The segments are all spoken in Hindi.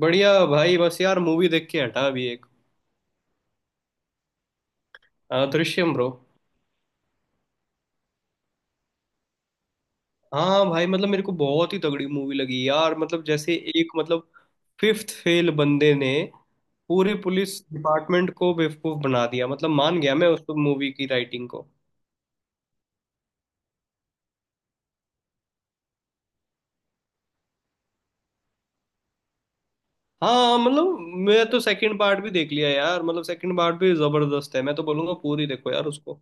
बढ़िया भाई बस यार मूवी देख के हटा अभी एक। हाँ दृश्यम ब्रो। हाँ भाई मतलब मेरे को बहुत ही तगड़ी मूवी लगी यार। मतलब जैसे एक मतलब फिफ्थ फेल बंदे ने पूरे पुलिस डिपार्टमेंट को बेवकूफ बना दिया। मतलब मान गया मैं उस मूवी की राइटिंग को। हाँ मतलब मैं तो सेकंड पार्ट भी देख लिया यार। मतलब सेकंड पार्ट भी जबरदस्त है। मैं तो बोलूंगा पूरी देखो यार उसको।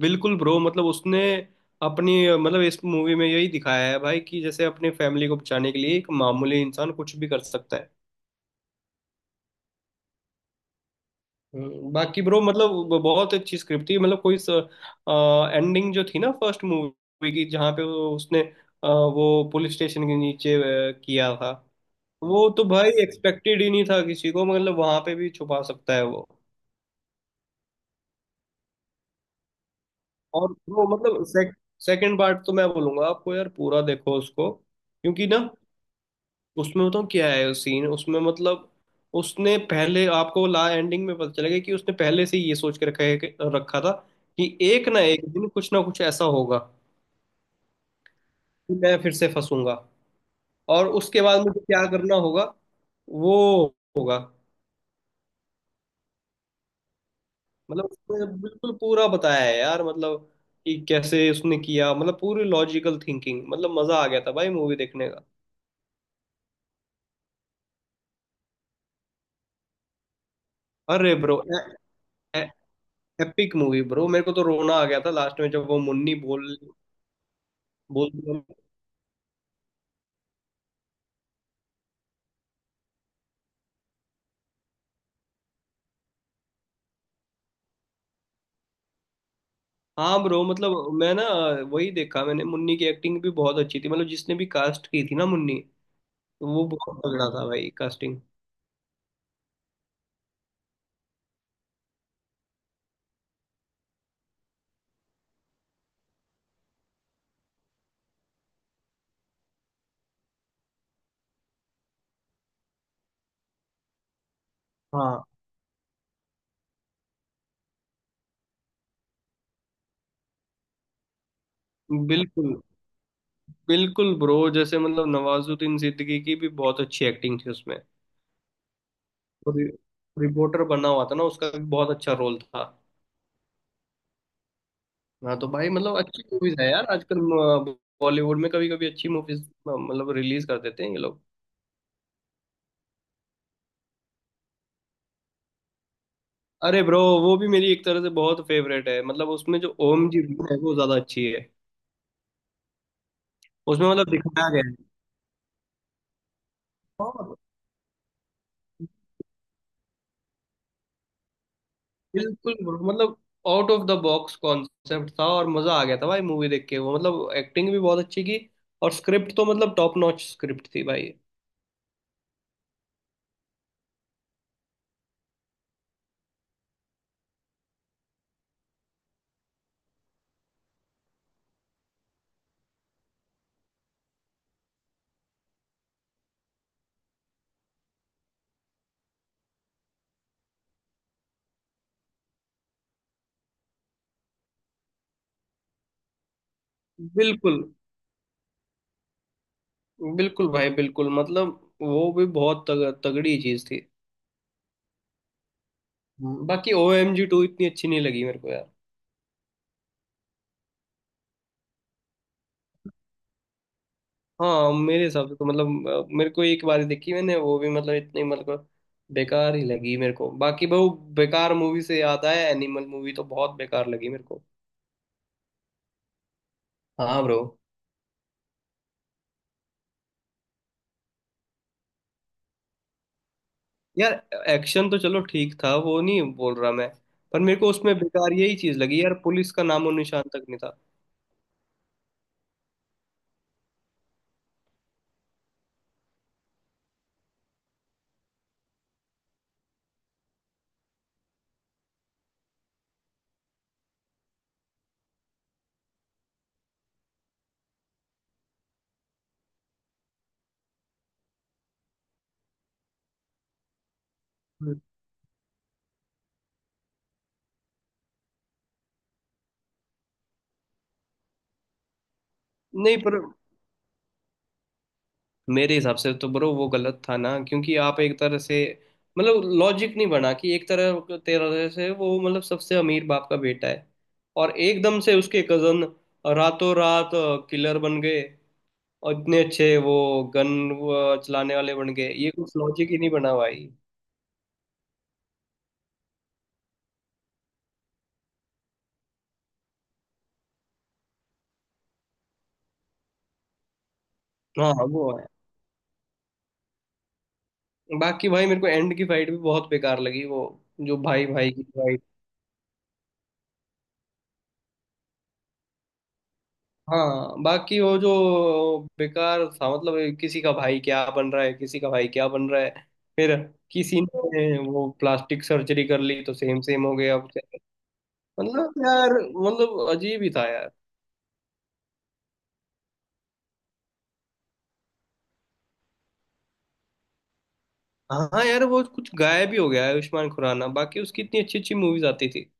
बिल्कुल ब्रो मतलब उसने अपनी मतलब इस मूवी में यही दिखाया है भाई कि जैसे अपनी फैमिली को बचाने के लिए एक मामूली इंसान कुछ भी कर सकता है। बाकी ब्रो मतलब बहुत अच्छी स्क्रिप्ट थी मतलब कोई एंडिंग जो थी ना फर्स्ट मूवी की जहाँ पे उसने वो पुलिस स्टेशन के नीचे किया था। वो तो भाई एक्सपेक्टेड ही नहीं था किसी को मतलब वहां पे भी छुपा सकता है वो। और वो मतलब सेकंड पार्ट तो मैं बोलूंगा आपको यार पूरा देखो उसको क्योंकि ना उसमें बताऊँ क्या है उस सीन उसमें मतलब उसने पहले आपको ला एंडिंग में पता चलेगा कि उसने पहले से ये सोच के रखा है रखा था कि एक ना एक दिन कुछ ना कुछ ऐसा होगा कि मैं फिर से फंसूंगा। और उसके बाद मुझे क्या करना होगा वो होगा। मतलब उसने बिल्कुल पूरा बताया है यार मतलब कि कैसे उसने किया मतलब पूरी लॉजिकल थिंकिंग। मतलब मजा आ गया था भाई मूवी देखने का। अरे ब्रो एपिक मूवी ब्रो मेरे को तो रोना आ गया था लास्ट में जब वो मुन्नी बोल बोल। हाँ ब्रो मतलब मैं ना वही देखा मैंने। मुन्नी की एक्टिंग भी बहुत अच्छी थी मतलब जिसने भी कास्ट की थी ना मुन्नी तो वो बहुत तगड़ा था भाई कास्टिंग। हाँ। बिल्कुल। बिल्कुल ब्रो जैसे मतलब नवाजुद्दीन सिद्दीकी की भी बहुत अच्छी एक्टिंग थी उसमें। और रिपोर्टर बना हुआ था ना उसका भी बहुत अच्छा रोल था। हाँ तो भाई मतलब अच्छी मूवीज है यार आजकल बॉलीवुड में कभी कभी अच्छी मूवीज मतलब रिलीज कर देते हैं ये लोग। अरे ब्रो वो भी मेरी एक तरह से बहुत फेवरेट है मतलब उसमें जो ओम जी है वो ज्यादा अच्छी है। उसमें मतलब दिखाया गया है। हाँ, बिल्कुल bro, मतलब out of the box concept था और मजा आ गया था भाई मूवी देख के। वो मतलब एक्टिंग भी बहुत अच्छी की और स्क्रिप्ट तो मतलब टॉप नॉच स्क्रिप्ट थी भाई। बिल्कुल। बिल्कुल भाई बिल्कुल मतलब वो भी बहुत तगड़ी चीज थी। हम्म। बाकी OMG 2 इतनी अच्छी नहीं लगी मेरे को यार। हाँ मेरे हिसाब से तो मतलब मेरे को एक बार ही देखी मैंने वो भी मतलब इतनी मतलब बेकार ही लगी मेरे को। बाकी वो बेकार मूवी से याद आया एनिमल मूवी तो बहुत बेकार लगी मेरे को। हाँ ब्रो। यार एक्शन तो चलो ठीक था वो नहीं बोल रहा मैं। पर मेरे को उसमें बेकार यही चीज लगी यार पुलिस का नामो निशान तक नहीं था। हम्म। नहीं पर मेरे हिसाब से तो ब्रो वो गलत था ना क्योंकि आप एक तरह से मतलब लॉजिक नहीं बना कि एक तरह तरह से वो मतलब सबसे अमीर बाप का बेटा है। और एकदम से उसके कजन रातों रात किलर बन गए और इतने अच्छे वो गन चलाने वाले बन गए ये कुछ लॉजिक ही नहीं बना भाई। हाँ वो है। बाकी भाई मेरे को एंड की फाइट भी बहुत बेकार लगी वो जो भाई भाई की फाइट। हाँ बाकी वो जो बेकार था मतलब किसी का भाई क्या बन रहा है किसी का भाई क्या बन रहा है फिर किसी ने वो प्लास्टिक सर्जरी कर ली तो सेम सेम हो गया। मतलब यार मतलब अजीब ही था यार। हाँ यार वो कुछ गायब ही हो गया है आयुष्मान खुराना बाकी उसकी इतनी अच्छी अच्छी मूवीज आती थी।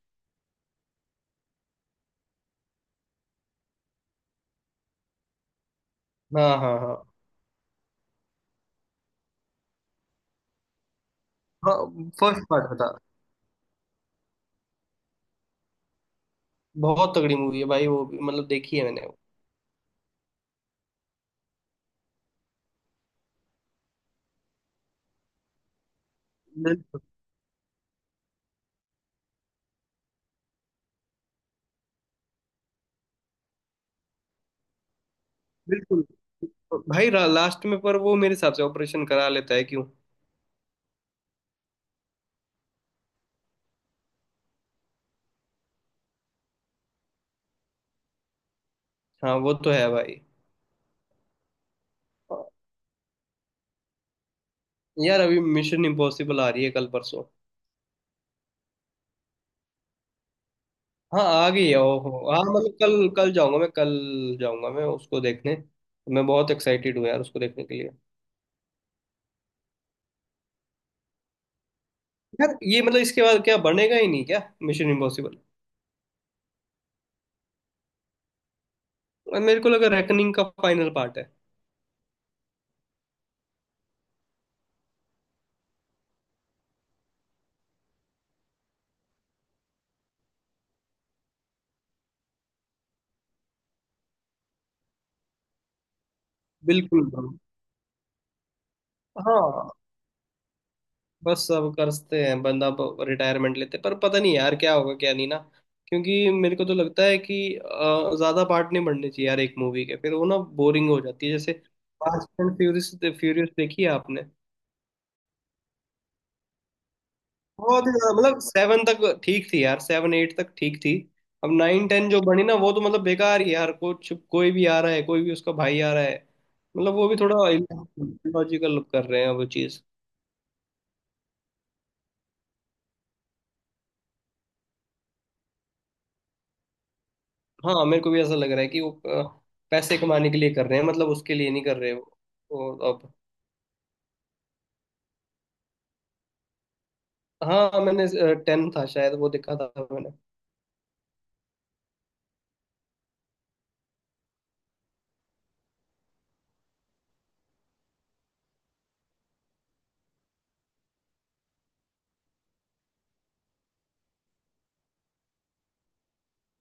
हाँ हाँ हाँ हाँ। फर्स्ट पार्ट था। बहुत तगड़ी मूवी है भाई वो भी मतलब देखी है मैंने। बिल्कुल। भाई लास्ट में पर वो मेरे हिसाब से ऑपरेशन करा लेता है क्यों। हाँ वो तो है भाई। यार अभी मिशन इम्पॉसिबल आ रही है कल परसों। हाँ आ गई है। ओहो हाँ मतलब कल कल जाऊंगा मैं उसको देखने। मैं बहुत एक्साइटेड हूँ यार उसको देखने के लिए। यार ये मतलब इसके बाद क्या बनेगा ही नहीं क्या मिशन इम्पॉसिबल। मेरे को लगा रेकनिंग का फाइनल पार्ट है। बिल्कुल bro। हाँ बस सब करते हैं बंदा रिटायरमेंट लेते पर पता नहीं यार क्या होगा क्या नहीं ना। क्योंकि मेरे को तो लगता है कि ज्यादा पार्ट नहीं बढ़ने चाहिए यार एक मूवी के फिर वो ना बोरिंग हो जाती है। जैसे फास्ट एंड फ्यूरियस फ्यूरियस देखी है आपने। बहुत ही ज्यादा मतलब सेवन तक ठीक थी यार सेवन एट तक ठीक थी। अब नाइन 10 जो बनी ना वो तो मतलब बेकार ही यार कुछ कोई भी आ रहा है कोई भी उसका भाई आ रहा है। मतलब वो भी थोड़ा लॉजिकल कर रहे हैं वो चीज। हाँ मेरे को भी ऐसा लग रहा है कि वो पैसे कमाने के लिए कर रहे हैं मतलब उसके लिए नहीं कर रहे वो। और अब हाँ मैंने 10 था शायद वो देखा था मैंने।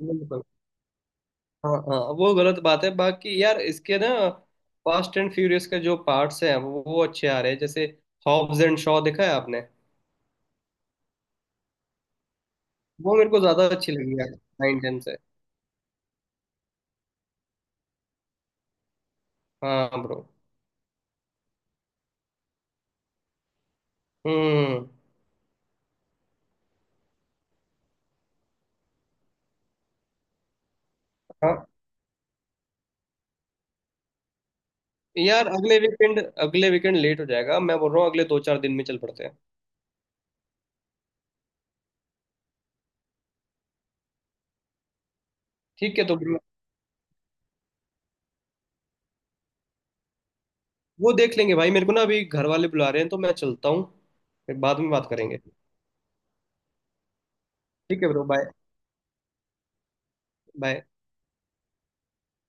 बिल्कुल। हाँ हाँ वो गलत बात है। बाकी यार इसके ना फास्ट एंड फ्यूरियस के जो पार्ट्स हैं वो अच्छे आ रहे हैं जैसे हॉब्स एंड शॉ देखा है आपने। वो मेरे को ज्यादा अच्छी लगी यार नाइन 10 से। हाँ ब्रो। हम्म। हाँ यार अगले वीकेंड लेट हो जाएगा। मैं बोल रहा हूँ अगले दो चार दिन में चल पड़ते हैं। ठीक है तो वो देख लेंगे भाई। मेरे को ना अभी घर वाले बुला रहे हैं तो मैं चलता हूँ फिर बाद में बात करेंगे। ठीक है ब्रो बाय। बाय।